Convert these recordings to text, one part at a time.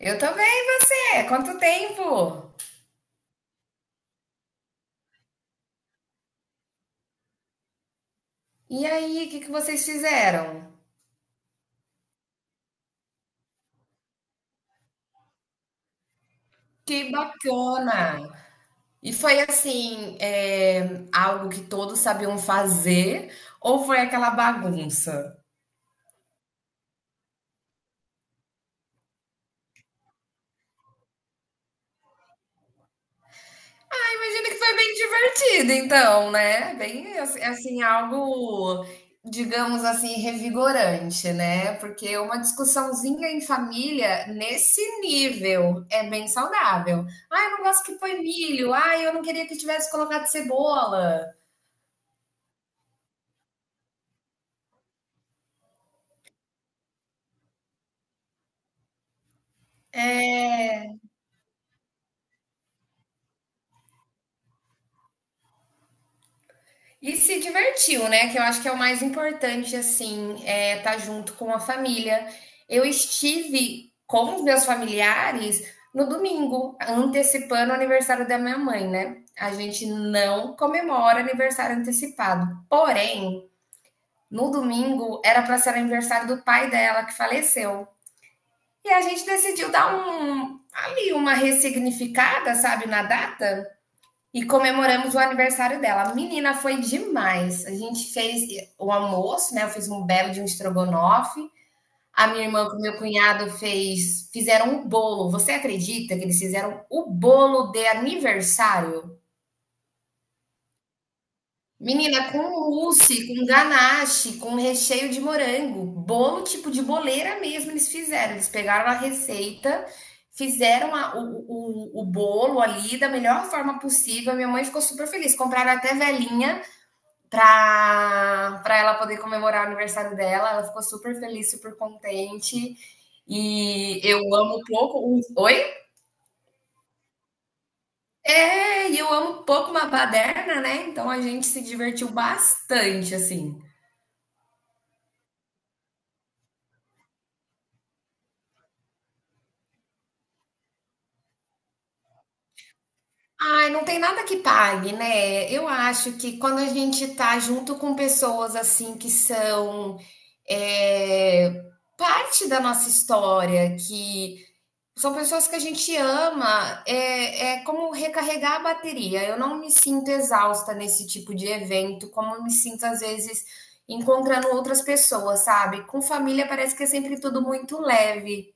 Eu também, e você? Quanto tempo? E aí, o que que vocês fizeram? Que bacana! E foi assim, algo que todos sabiam fazer ou foi aquela bagunça? Imagino que foi bem divertido, então, né? Bem, assim, algo, digamos assim, revigorante, né? Porque uma discussãozinha em família nesse nível é bem saudável. Ah, eu não gosto que põe milho. Ah, eu não queria que tivesse colocado cebola. É. E se divertiu, né? Que eu acho que é o mais importante, assim, é estar junto com a família. Eu estive com os meus familiares no domingo, antecipando o aniversário da minha mãe, né? A gente não comemora aniversário antecipado. Porém, no domingo era para ser o aniversário do pai dela que faleceu. E a gente decidiu dar um ali uma ressignificada, sabe, na data. E comemoramos o aniversário dela. Menina, foi demais. A gente fez o almoço, né? Eu fiz um belo de um estrogonofe. A minha irmã com o meu cunhado fez, fizeram um bolo. Você acredita que eles fizeram o bolo de aniversário? Menina, com mousse, com ganache, com recheio de morango, bolo tipo de boleira mesmo eles fizeram. Eles pegaram a receita, fizeram o bolo ali da melhor forma possível. A minha mãe ficou super feliz. Compraram até velinha para ela poder comemorar o aniversário dela. Ela ficou super feliz, super contente. E eu amo um pouco. Oi? É, e eu amo um pouco uma baderna, né? Então a gente se divertiu bastante, assim. Ai, não tem nada que pague, né? Eu acho que quando a gente tá junto com pessoas assim que são é, parte da nossa história, que são pessoas que a gente ama, é como recarregar a bateria. Eu não me sinto exausta nesse tipo de evento, como eu me sinto às vezes encontrando outras pessoas, sabe? Com família parece que é sempre tudo muito leve.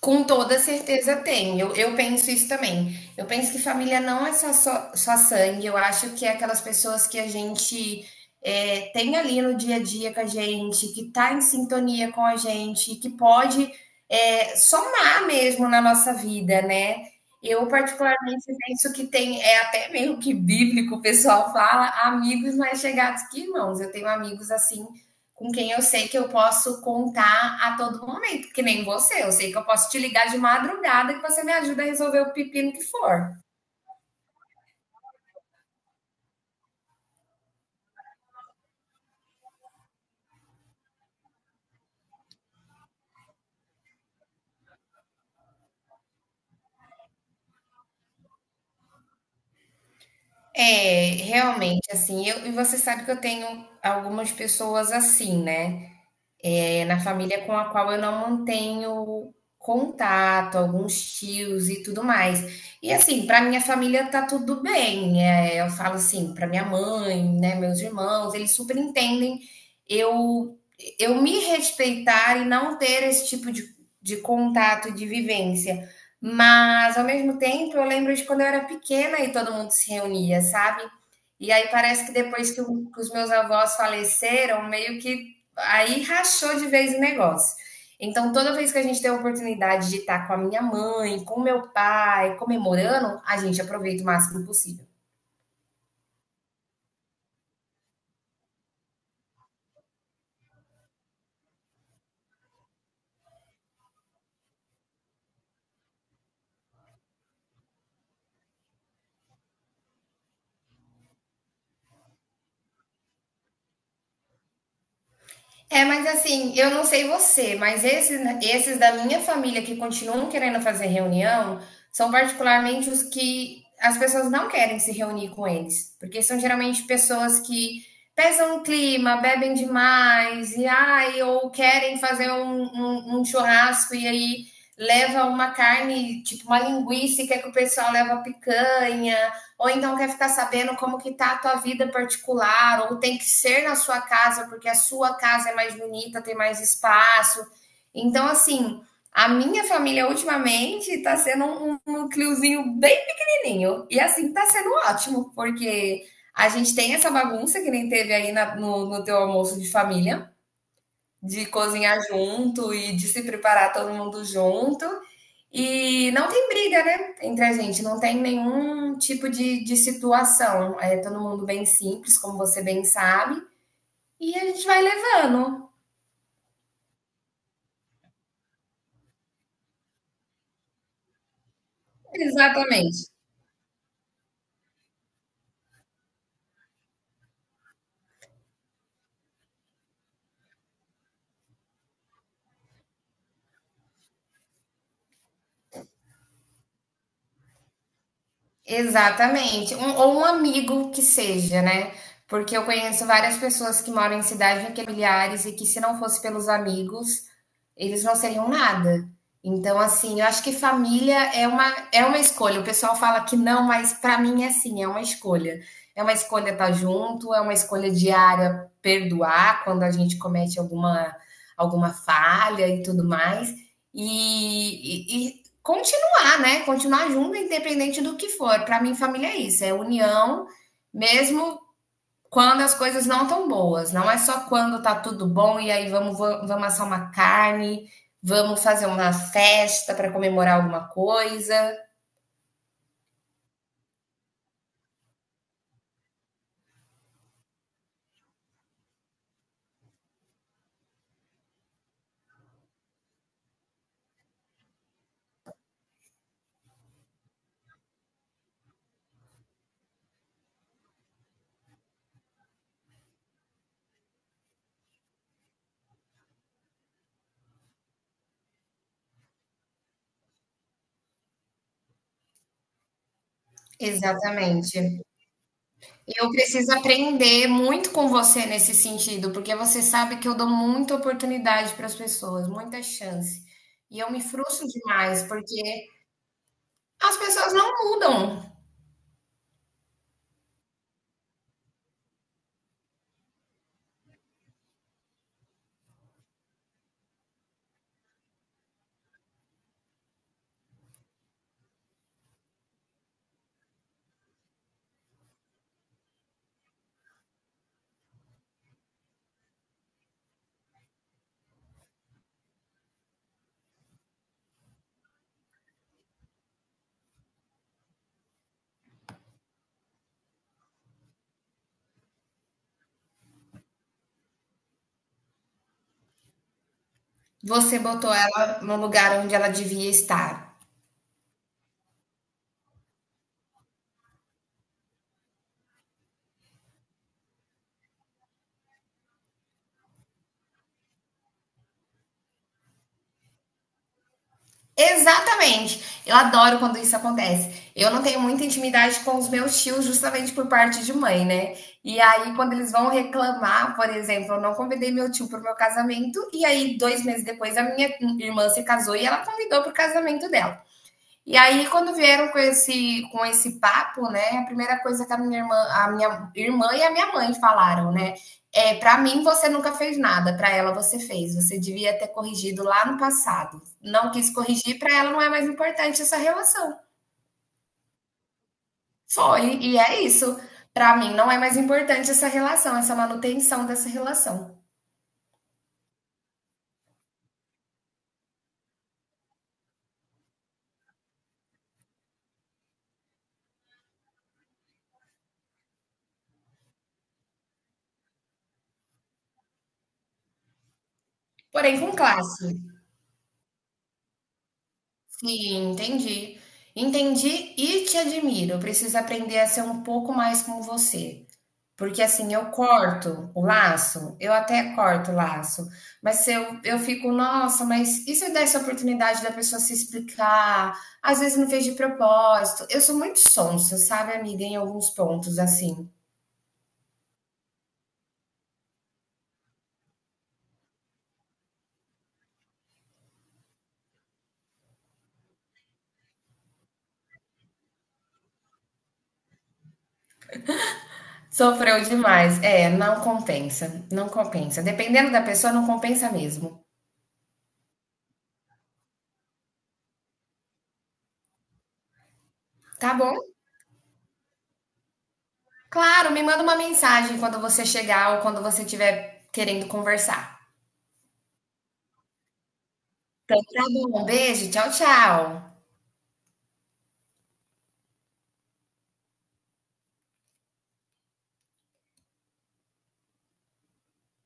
Com toda certeza tem. Eu penso isso também. Eu penso que família não é só sangue. Eu acho que é aquelas pessoas que a gente tem ali no dia a dia com a gente, que está em sintonia com a gente, que pode somar mesmo na nossa vida, né? Eu, particularmente, penso que tem, é até meio que bíblico, o pessoal fala, amigos mais chegados que irmãos. Eu tenho amigos assim com quem eu sei que eu posso contar a todo momento, que nem você. Eu sei que eu posso te ligar de madrugada que você me ajuda a resolver o pepino que for. É, realmente, assim, eu, e você sabe que eu tenho algumas pessoas assim, né? Na família com a qual eu não mantenho contato, alguns tios e tudo mais. E assim, para minha família tá tudo bem. Eu falo assim, para minha mãe, né, meus irmãos, eles super entendem eu eu me respeitar e não ter esse tipo de contato, e de vivência. Mas ao mesmo tempo, eu lembro de quando eu era pequena e todo mundo se reunia, sabe? E aí parece que depois que, que os meus avós faleceram, meio que aí rachou de vez o negócio. Então, toda vez que a gente tem a oportunidade de estar com a minha mãe, com o meu pai, comemorando, a gente aproveita o máximo possível. É, mas assim, eu não sei você, mas esses da minha família que continuam querendo fazer reunião são particularmente os que as pessoas não querem se reunir com eles, porque são geralmente pessoas que pesam o clima, bebem demais, e ai, ou querem fazer um churrasco e aí leva uma carne, tipo uma linguiça, e quer que o pessoal leva picanha ou então quer ficar sabendo como que tá a tua vida particular, ou tem que ser na sua casa porque a sua casa é mais bonita, tem mais espaço. Então, assim, a minha família ultimamente tá sendo um núcleozinho bem pequenininho. E assim, tá sendo ótimo, porque a gente tem essa bagunça que nem teve aí no, no teu almoço de família, de cozinhar junto e de se preparar todo mundo junto. E não tem briga, né, entre a gente, não tem nenhum tipo de situação. É todo mundo bem simples, como você bem sabe, e a gente vai levando. Exatamente. Exatamente. Ou um amigo que seja, né? Porque eu conheço várias pessoas que moram em cidades familiares e que, se não fosse pelos amigos, eles não seriam nada. Então, assim, eu acho que família é uma escolha. O pessoal fala que não, mas para mim é sim, é uma escolha. É uma escolha estar junto, é uma escolha diária perdoar quando a gente comete alguma, alguma falha e tudo mais. E continuar, né? Continuar junto, independente do que for. Para mim, família é isso, é união, mesmo quando as coisas não estão boas, não é só quando tá tudo bom e aí vamos, vamos assar uma carne, vamos fazer uma festa para comemorar alguma coisa. Exatamente. Eu preciso aprender muito com você nesse sentido, porque você sabe que eu dou muita oportunidade para as pessoas, muita chance. E eu me frustro demais, porque as pessoas não mudam. Você botou ela no lugar onde ela devia estar. Exatamente. Eu adoro quando isso acontece. Eu não tenho muita intimidade com os meus tios, justamente por parte de mãe, né? E aí, quando eles vão reclamar, por exemplo, eu não convidei meu tio para o meu casamento, e aí, dois meses depois, a minha irmã se casou e ela convidou para o casamento dela. E aí, quando vieram com esse papo, né, a primeira coisa que a minha irmã e a minha mãe falaram, né, é, para mim você nunca fez nada, para ela você fez. Você devia ter corrigido lá no passado. Não quis corrigir, para ela não é mais importante essa relação. Foi, e é isso. Para mim não é mais importante essa relação, essa manutenção dessa relação. Porém, com classe. Sim, entendi. Entendi e te admiro. Eu preciso aprender a ser um pouco mais como você. Porque assim, eu corto o laço, eu até corto o laço, mas se eu fico, nossa, mas e se eu desse a oportunidade da pessoa se explicar? Às vezes não fez de propósito. Eu sou muito sonsa, sabe, amiga, em alguns pontos, assim. Sofreu demais. É, não compensa, não compensa. Dependendo da pessoa, não compensa mesmo. Tá bom? Claro, me manda uma mensagem quando você chegar ou quando você estiver querendo conversar. Então tá bom, um beijo, tchau, tchau.